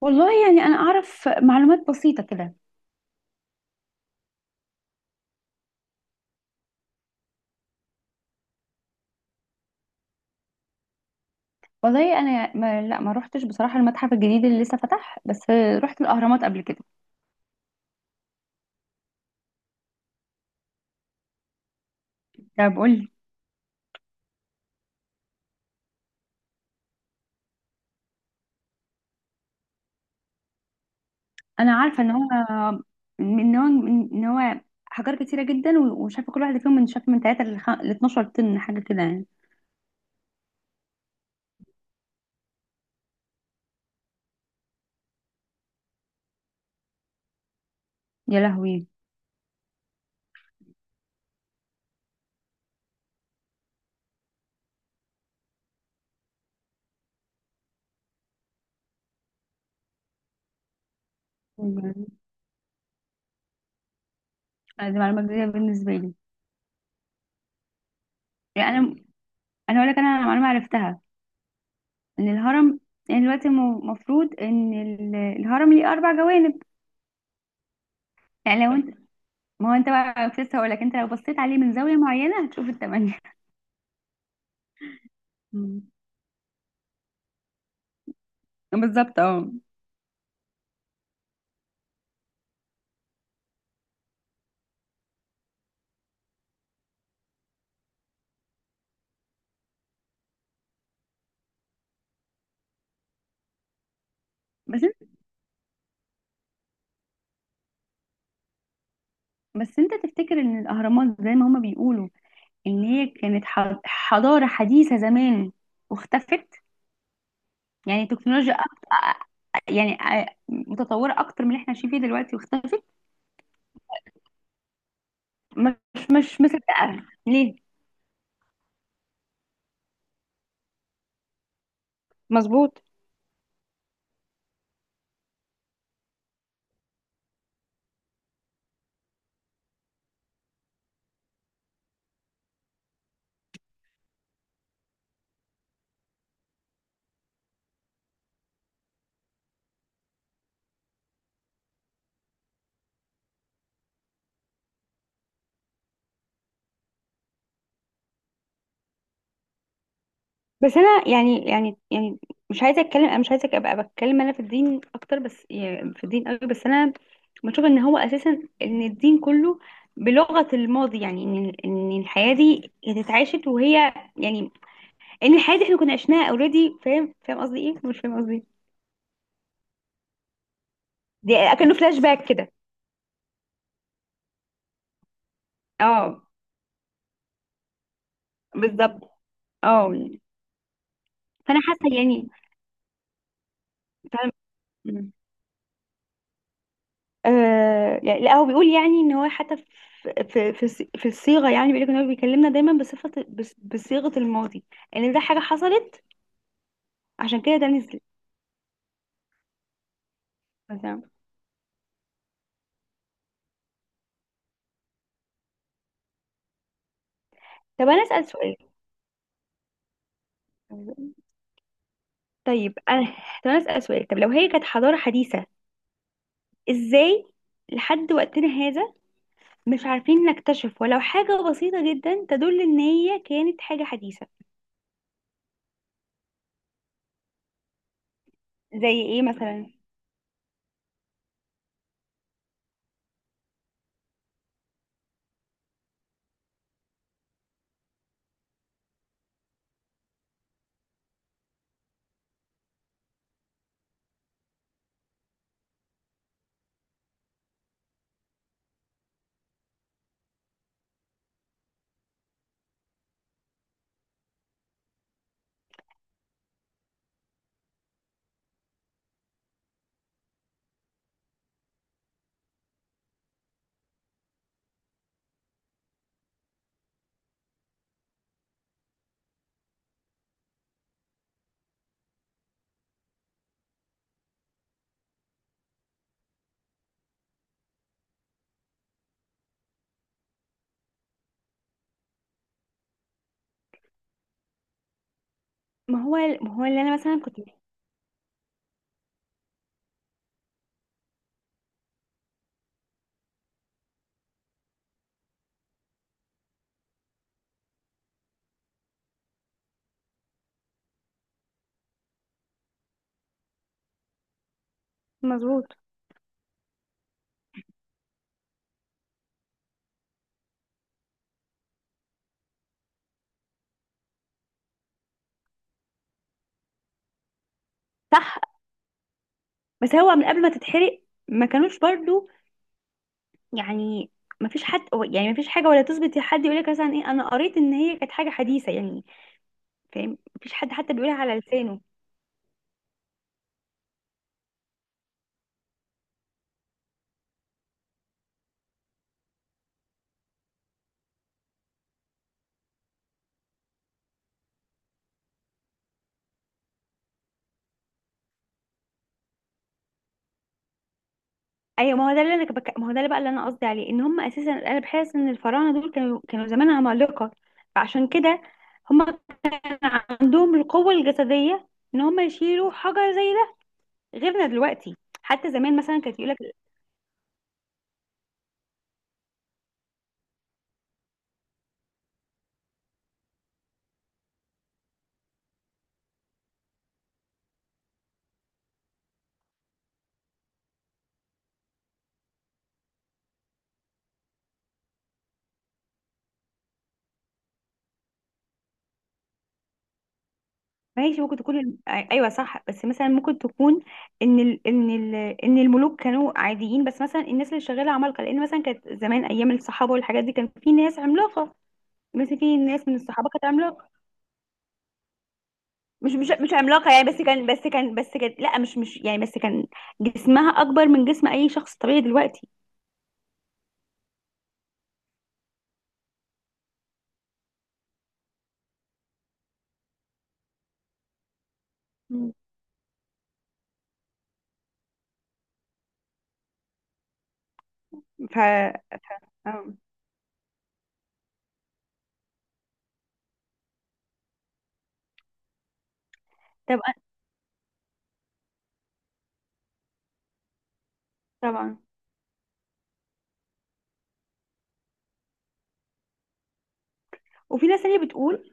والله يعني انا اعرف معلومات بسيطه كده. والله انا ما روحتش بصراحه المتحف الجديد اللي لسه فتح، بس رحت الاهرامات قبل كده. ده بقول لي. انا عارفه ان هو ان هو حجار كتيره جدا، وشاف كل واحده فيهم من 3 ل 12 طن حاجه كده يعني. يا لهوي. مم. دي معلومه جديده بالنسبه لي. يعني انا اقول لك انا معلومه عرفتها: ان الهرم يعني دلوقتي المفروض ان الهرم ليه اربع جوانب. يعني لو ما هو انت بقى كنت لسه هقول لك، انت لو بصيت عليه من زاويه معينه هتشوف الثمانيه. مم. بالظبط اه. بس انت بس انت تفتكر ان الاهرامات زي ما هما بيقولوا، ان هي كانت حضاره حديثه زمان واختفت، يعني تكنولوجيا أكتر، يعني متطوره اكتر من اللي احنا عايشين فيه دلوقتي واختفت. مش مش مصدقه ليه. مظبوط. بس انا يعني مش عايزه اتكلم، انا مش عايزه ابقى بتكلم انا في الدين اكتر، بس يعني في الدين قوي، بس انا بشوف ان هو اساسا ان الدين كله بلغه الماضي، يعني ان الحياه دي هي اتعاشت، وهي يعني ان الحياه دي احنا كنا عشناها. اوريدي، فاهم قصدي ايه؟ مش فاهم قصدي إيه؟ دي اكنه فلاش باك كده. اه بالظبط اه. فانا حاسه يعني. فاهم. آه يعني، لا هو بيقول يعني ان هو حتى في الصيغه، يعني بيقول لك ان هو بيكلمنا دايما بصيغه الماضي، ان يعني ده حاجه حصلت، عشان كده ده نزل. مثلا. طب انا اسال سؤال طيب انا طب انا اسال سؤال: طب لو هي كانت حضاره حديثه، ازاي لحد وقتنا هذا مش عارفين نكتشف ولو حاجه بسيطه جدا تدل ان هي كانت حاجه حديثه؟ زي ايه مثلا؟ ما هو اللي انا مثلا كنت. مظبوط. صح. بس هو من قبل ما تتحرق ما كانوش برضو، يعني مفيش حد، يعني مفيش حاجة ولا تثبت، حد يقولك مثلا ايه، انا قريت ان هي كانت حاجة حديثة يعني. فاهم؟ مفيش حد حتى بيقولها على لسانه. ايوه، ما هو ده اللي انا بك... ما هو ده اللي بقى اللي انا قصدي عليه ان هم اساسا، انا بحس ان الفراعنة دول كانوا زمان عمالقة. فعشان كده هم كان عندهم القوة الجسدية ان هم يشيلوا حجر زي ده، غيرنا دلوقتي. حتى زمان مثلا كانت يقولك. ماشي، ممكن تكون ايوه صح، بس مثلا ممكن تكون ان ال... ان ال... ان الملوك كانوا عاديين، بس مثلا الناس اللي شغاله عمالقه، لان مثلا كانت زمان ايام الصحابه والحاجات دي كان في ناس عملاقه. مثلا في ناس من الصحابه كانت عملاقه. مش عملاقه يعني، بس كان بس كان بس كان لا مش مش يعني بس كان جسمها اكبر من جسم اي شخص طبيعي دلوقتي. مم. ف آه. طب طبعا. وفي ناس تانية بتقول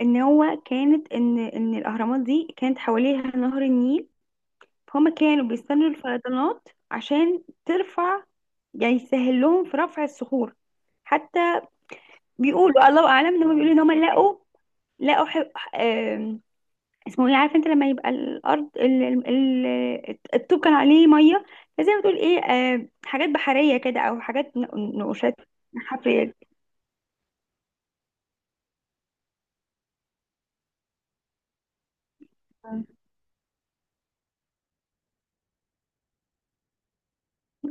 ان الاهرامات دي كانت حواليها نهر النيل، فهم كانوا بيستنوا الفيضانات عشان ترفع، يعني يسهل لهم في رفع الصخور حتى. بيقولوا الله اعلم، ان هم بيقولوا ان هم لقوا، لقوا ح... آم، اسمه ايه؟ عارف انت لما يبقى الارض الطوب كان عليه ميه، فزي ما تقول ايه، حاجات بحريه كده، او حاجات نقوشات حفريه.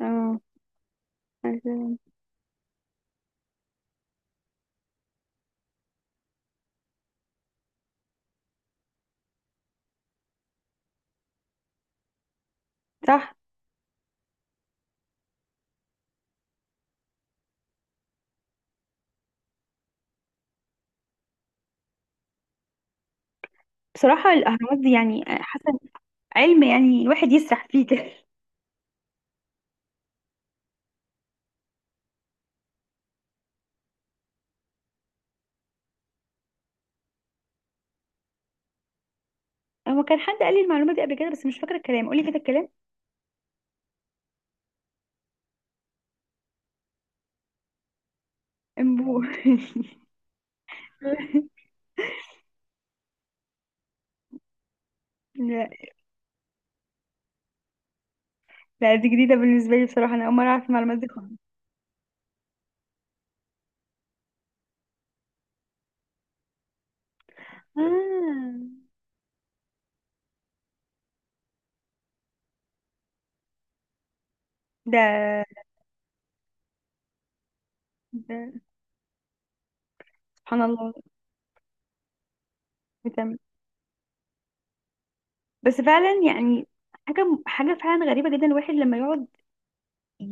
اه صح. بصراحه الاهرامات دي يعني حسن علم، يعني الواحد يسرح فيه كده. هو كان حد قال لي المعلومه دي قبل كده، بس مش فاكره الكلام، قولي كده الكلام. امبو. لا، لا دي جديدة بالنسبة لي بصراحة، أنا أول مرة أعرف المعلومات دي خالص. آه. ده, ده سبحان الله. بتعمل. بس فعلا يعني حاجة فعلا غريبة جدا. الواحد لما يقعد ي...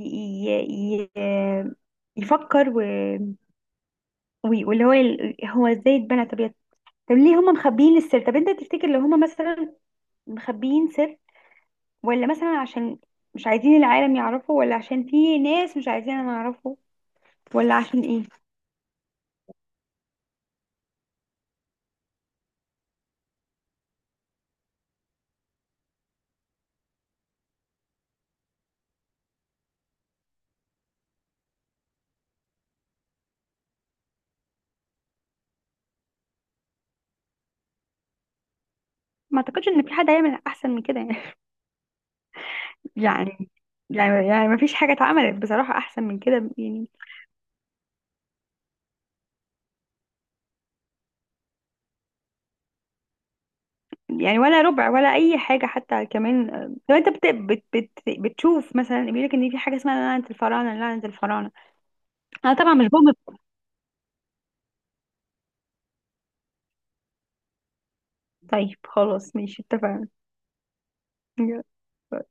ي... ي... يفكر و... وي- واللي هو هو ازاي اتبنى؟ طب ليه هم مخبيين السر؟ طب انت تفتكر لو هم مثلا مخبيين سر، ولا مثلا عشان مش عايزين العالم يعرفه، ولا عشان في ناس مش عايزين نعرفه، ولا عشان ايه؟ ما اعتقدش ان في حد هيعمل احسن من كده يعني. يعني يعني ما فيش حاجه اتعملت بصراحه احسن من كده يعني. يعني ولا ربع ولا اي حاجه. حتى كمان آه، لو انت بت بت بت بتشوف مثلا بيقول لك ان في حاجه اسمها لعنه الفراعنه، لعنه الفراعنه. انا طبعا مش بؤمن. طيب خلاص ماشي، اتفقنا.